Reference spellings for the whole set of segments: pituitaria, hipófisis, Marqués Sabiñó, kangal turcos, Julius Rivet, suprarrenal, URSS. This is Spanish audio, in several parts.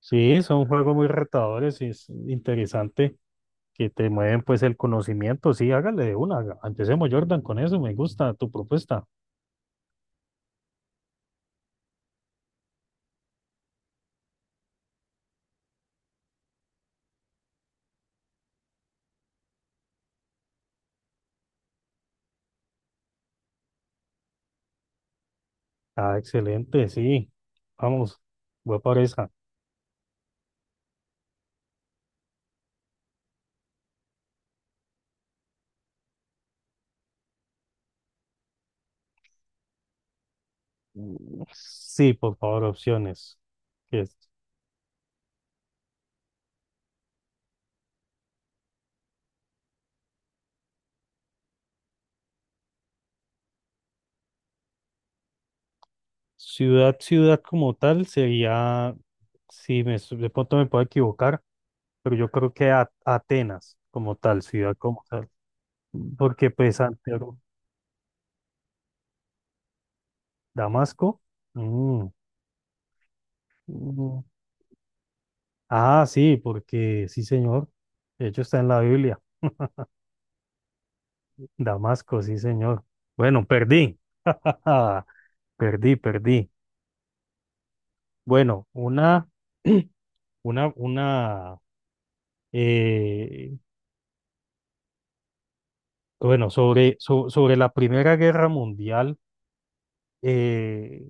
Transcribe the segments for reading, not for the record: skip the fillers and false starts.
Sí, son juegos muy retadores y es interesante que te mueven pues el conocimiento. Sí, hágale de una. Empecemos, Jordan, con eso. Me gusta tu propuesta. Ah, excelente, sí. Vamos, voy por esa. Mm, sí, por favor, opciones. Que es ciudad, ciudad como tal sería, sí, de pronto me puedo equivocar, pero yo creo que Atenas como tal, ciudad como tal. Porque pues Santiago, Damasco. Mm, ah, sí, porque sí, señor. De hecho, está en la Biblia. Damasco, sí, señor. Bueno, perdí. Perdí, perdí. Bueno, una, una, una, eh, bueno, sobre la Primera Guerra Mundial, eh,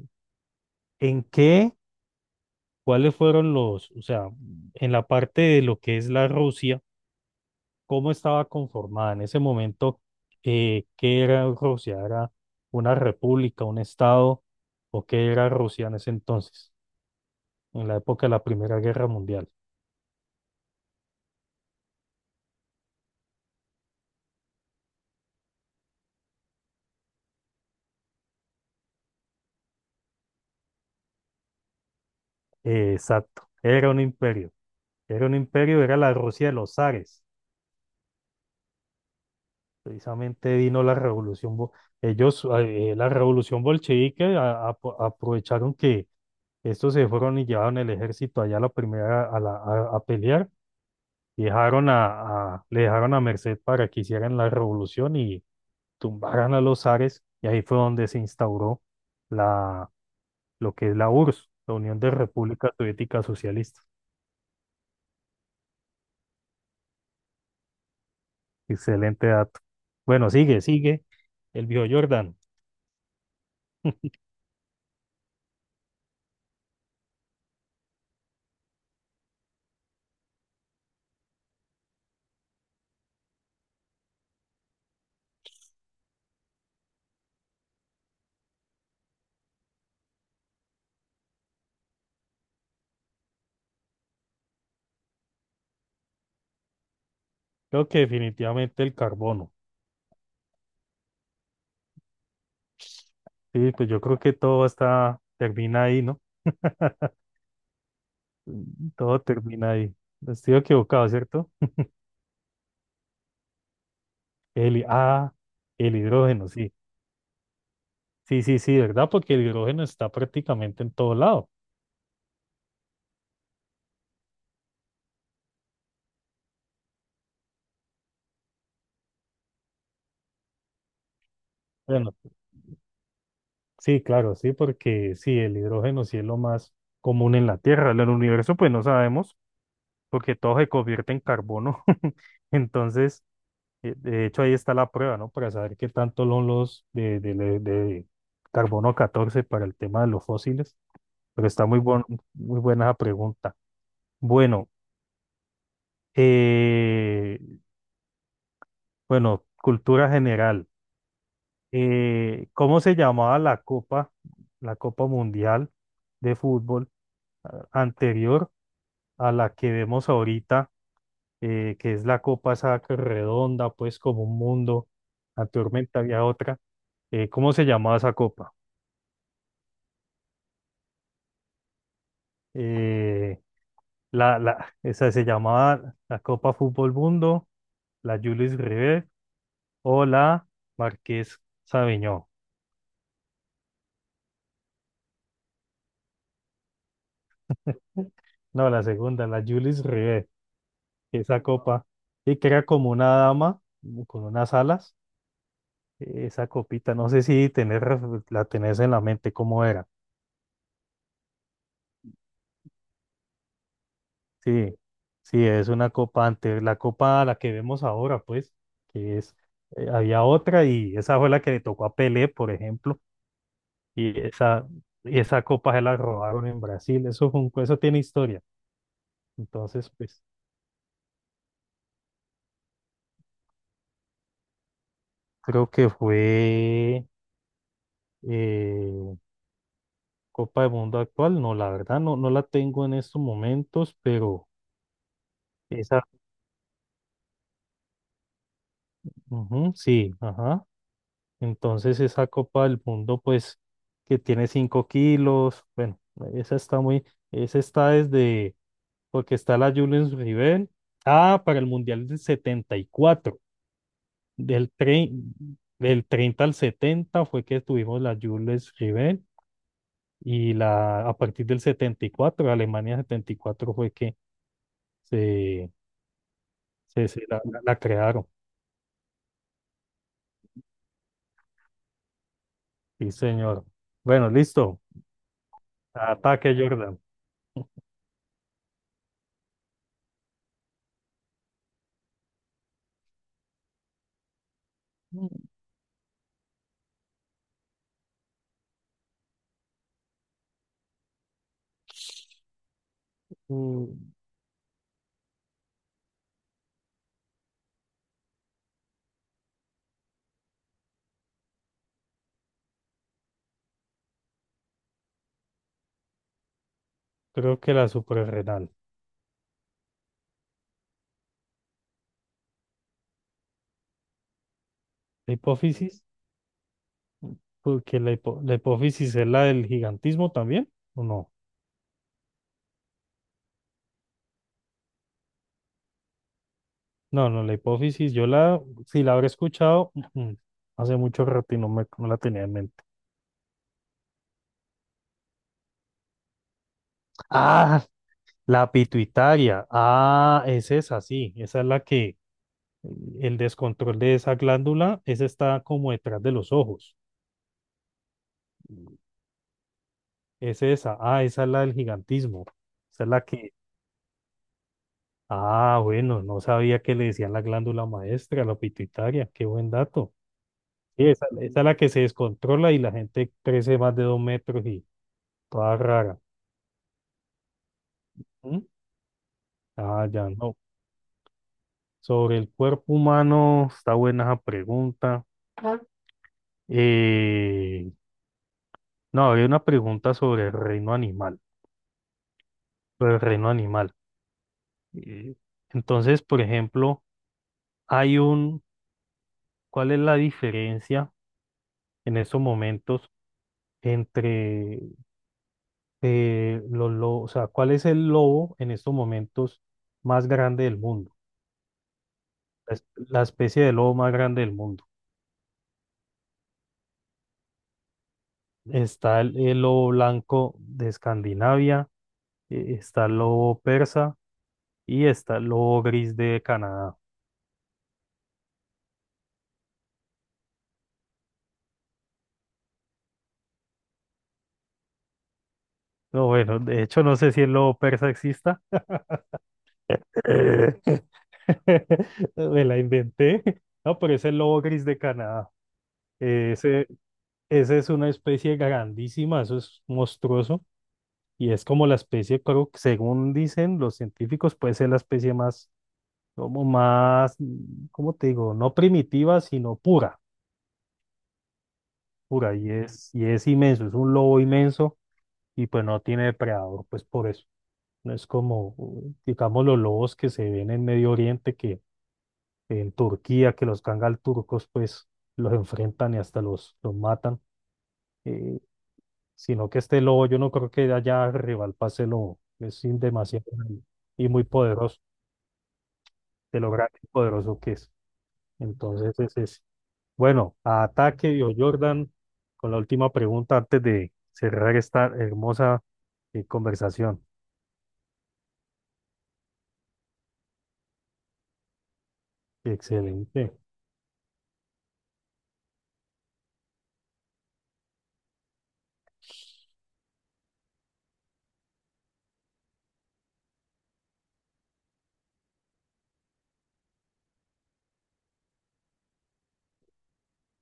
¿en qué? ¿Cuáles fueron los, o sea, en la parte de lo que es la Rusia? Cómo estaba conformada en ese momento, qué era Rusia, era una república, un estado, o qué era Rusia en ese entonces, en la época de la Primera Guerra Mundial. Exacto, era un imperio, era un imperio, era la Rusia de los zares. Precisamente vino la revolución, ellos, la revolución bolchevique, aprovecharon que estos se fueron y llevaron el ejército allá a la primera, a pelear. Dejaron a, le dejaron a merced para que hicieran la revolución y tumbaran a los zares, y ahí fue donde se instauró la, lo que es la URSS, la Unión de Repúblicas Soviéticas Socialistas. Excelente dato. Bueno, sigue, sigue. El viejo Jordan. Creo que definitivamente el carbono. Sí, pues yo creo que todo está, termina ahí, ¿no? Mm, todo termina ahí. Estoy equivocado, ¿cierto? El, ah, el hidrógeno, sí. Sí, sí, sí, ¿verdad? Porque el hidrógeno está prácticamente en todo lado. Bueno, sí, claro, sí, porque sí, el hidrógeno sí es lo más común en la Tierra. En el universo, pues no sabemos, porque todo se convierte en carbono. Entonces, de hecho, ahí está la prueba, ¿no? Para saber qué tanto son los de carbono 14 para el tema de los fósiles. Pero está muy buena la pregunta. Bueno, eh, bueno, cultura general. ¿Cómo se llamaba la Copa Mundial de Fútbol anterior a la que vemos ahorita, que es la copa esa que redonda, pues como un mundo? Anteriormente había otra. ¿Cómo se llamaba esa copa? Eh, esa se llamaba la Copa Fútbol Mundo, la Julius Rivet o la Marqués Sabiñó. No, la segunda, la Julius Rivet, esa copa, y que era como una dama con unas alas. Esa copita, no sé si tener, la tenés en la mente cómo era. Sí, sí, es una copa antes, la copa la que vemos ahora, pues, que es, había otra y esa fue la que le tocó a Pelé, por ejemplo, y esa, y esa copa se la robaron en Brasil, eso fue un, eso tiene historia. Entonces, pues, creo que fue eh, Copa del Mundo actual, no, la verdad, no, no la tengo en estos momentos, pero esa, ujú, sí, ajá. Entonces esa Copa del Mundo, pues, que tiene 5 kilos, bueno, esa está muy, esa está desde, porque está la Julius Rivel, ah, para el Mundial del 74 del, tre- del 30 al 70 fue que tuvimos la Julius Rivel y la, a partir del 74 Alemania 74 fue que se, la crearon, sí señor. Bueno, listo, ataque Jordan. Mm, creo que la suprarrenal. La hipófisis, porque la hipófisis es la del gigantismo también, ¿o no? No, no, la hipófisis, yo la, si la habré escuchado, ujú, hace mucho rato y no la tenía en mente. Ah, la pituitaria, ah, es esa, sí, esa es la que, el descontrol de esa glándula, esa está como detrás de los ojos, es esa, ah, esa es la del gigantismo, esa es la que, ah, bueno, no sabía que le decían la glándula maestra, la pituitaria, qué buen dato. Sí, esa es la que se descontrola y la gente crece más de dos metros y toda rara. ¿Mm? Ah, ya no. Sobre el cuerpo humano, está buena esa pregunta. Ajá. Eh, no, había una pregunta sobre el reino animal. Sobre el reino animal. Eh, entonces, por ejemplo, hay un, ¿cuál es la diferencia en estos momentos entre los lobos? O sea, ¿cuál es el lobo en estos momentos más grande del mundo? Es la especie de lobo más grande del mundo. Está el lobo blanco de Escandinavia, está el lobo persa y está el lobo gris de Canadá. No, bueno, de hecho no sé si el lobo persa exista. Eh, me la inventé. No, pero es el lobo gris de Canadá. Ese, ese es una especie grandísima, eso es monstruoso. Y es como la especie, creo que según dicen los científicos, puede ser la especie más como más, mm, ¿cómo te digo? No primitiva, sino pura, pura, y es inmenso, es un lobo inmenso y pues no tiene depredador, pues por eso. No es como, digamos, los lobos que se ven en Medio Oriente, que en Turquía, que los kangal turcos, pues los enfrentan y hasta los matan, eh, sino que este lobo, yo no creo que de allá rival para ese lobo, es sin demasiado grande y muy poderoso, de lo grande y poderoso que es. Entonces, es ese. Bueno, a ataque, Dio Jordan, con la última pregunta antes de cerrar esta hermosa conversación. Excelente.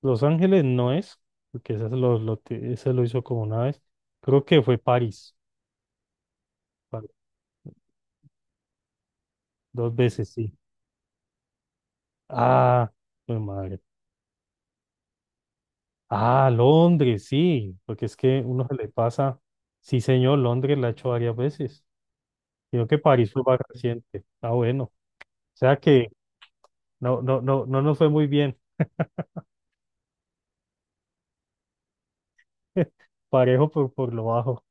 Los Ángeles no es, porque ese ese lo hizo como una vez. Creo que fue París, pa- dos veces, sí. Ah, mi madre. Ah, Londres, sí, porque es que uno se le pasa. Sí, señor, Londres la ha hecho varias veces, sino que París fue más reciente. Ah, bueno. O sea que no, no, no, no nos fue muy bien. Parejo por lo bajo.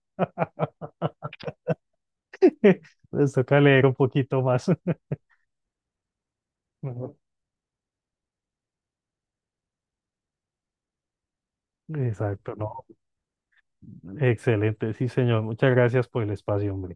Les toca leer un poquito más. Mejor. Exacto, no. Excelente, sí, señor. Muchas gracias por el espacio, hombre.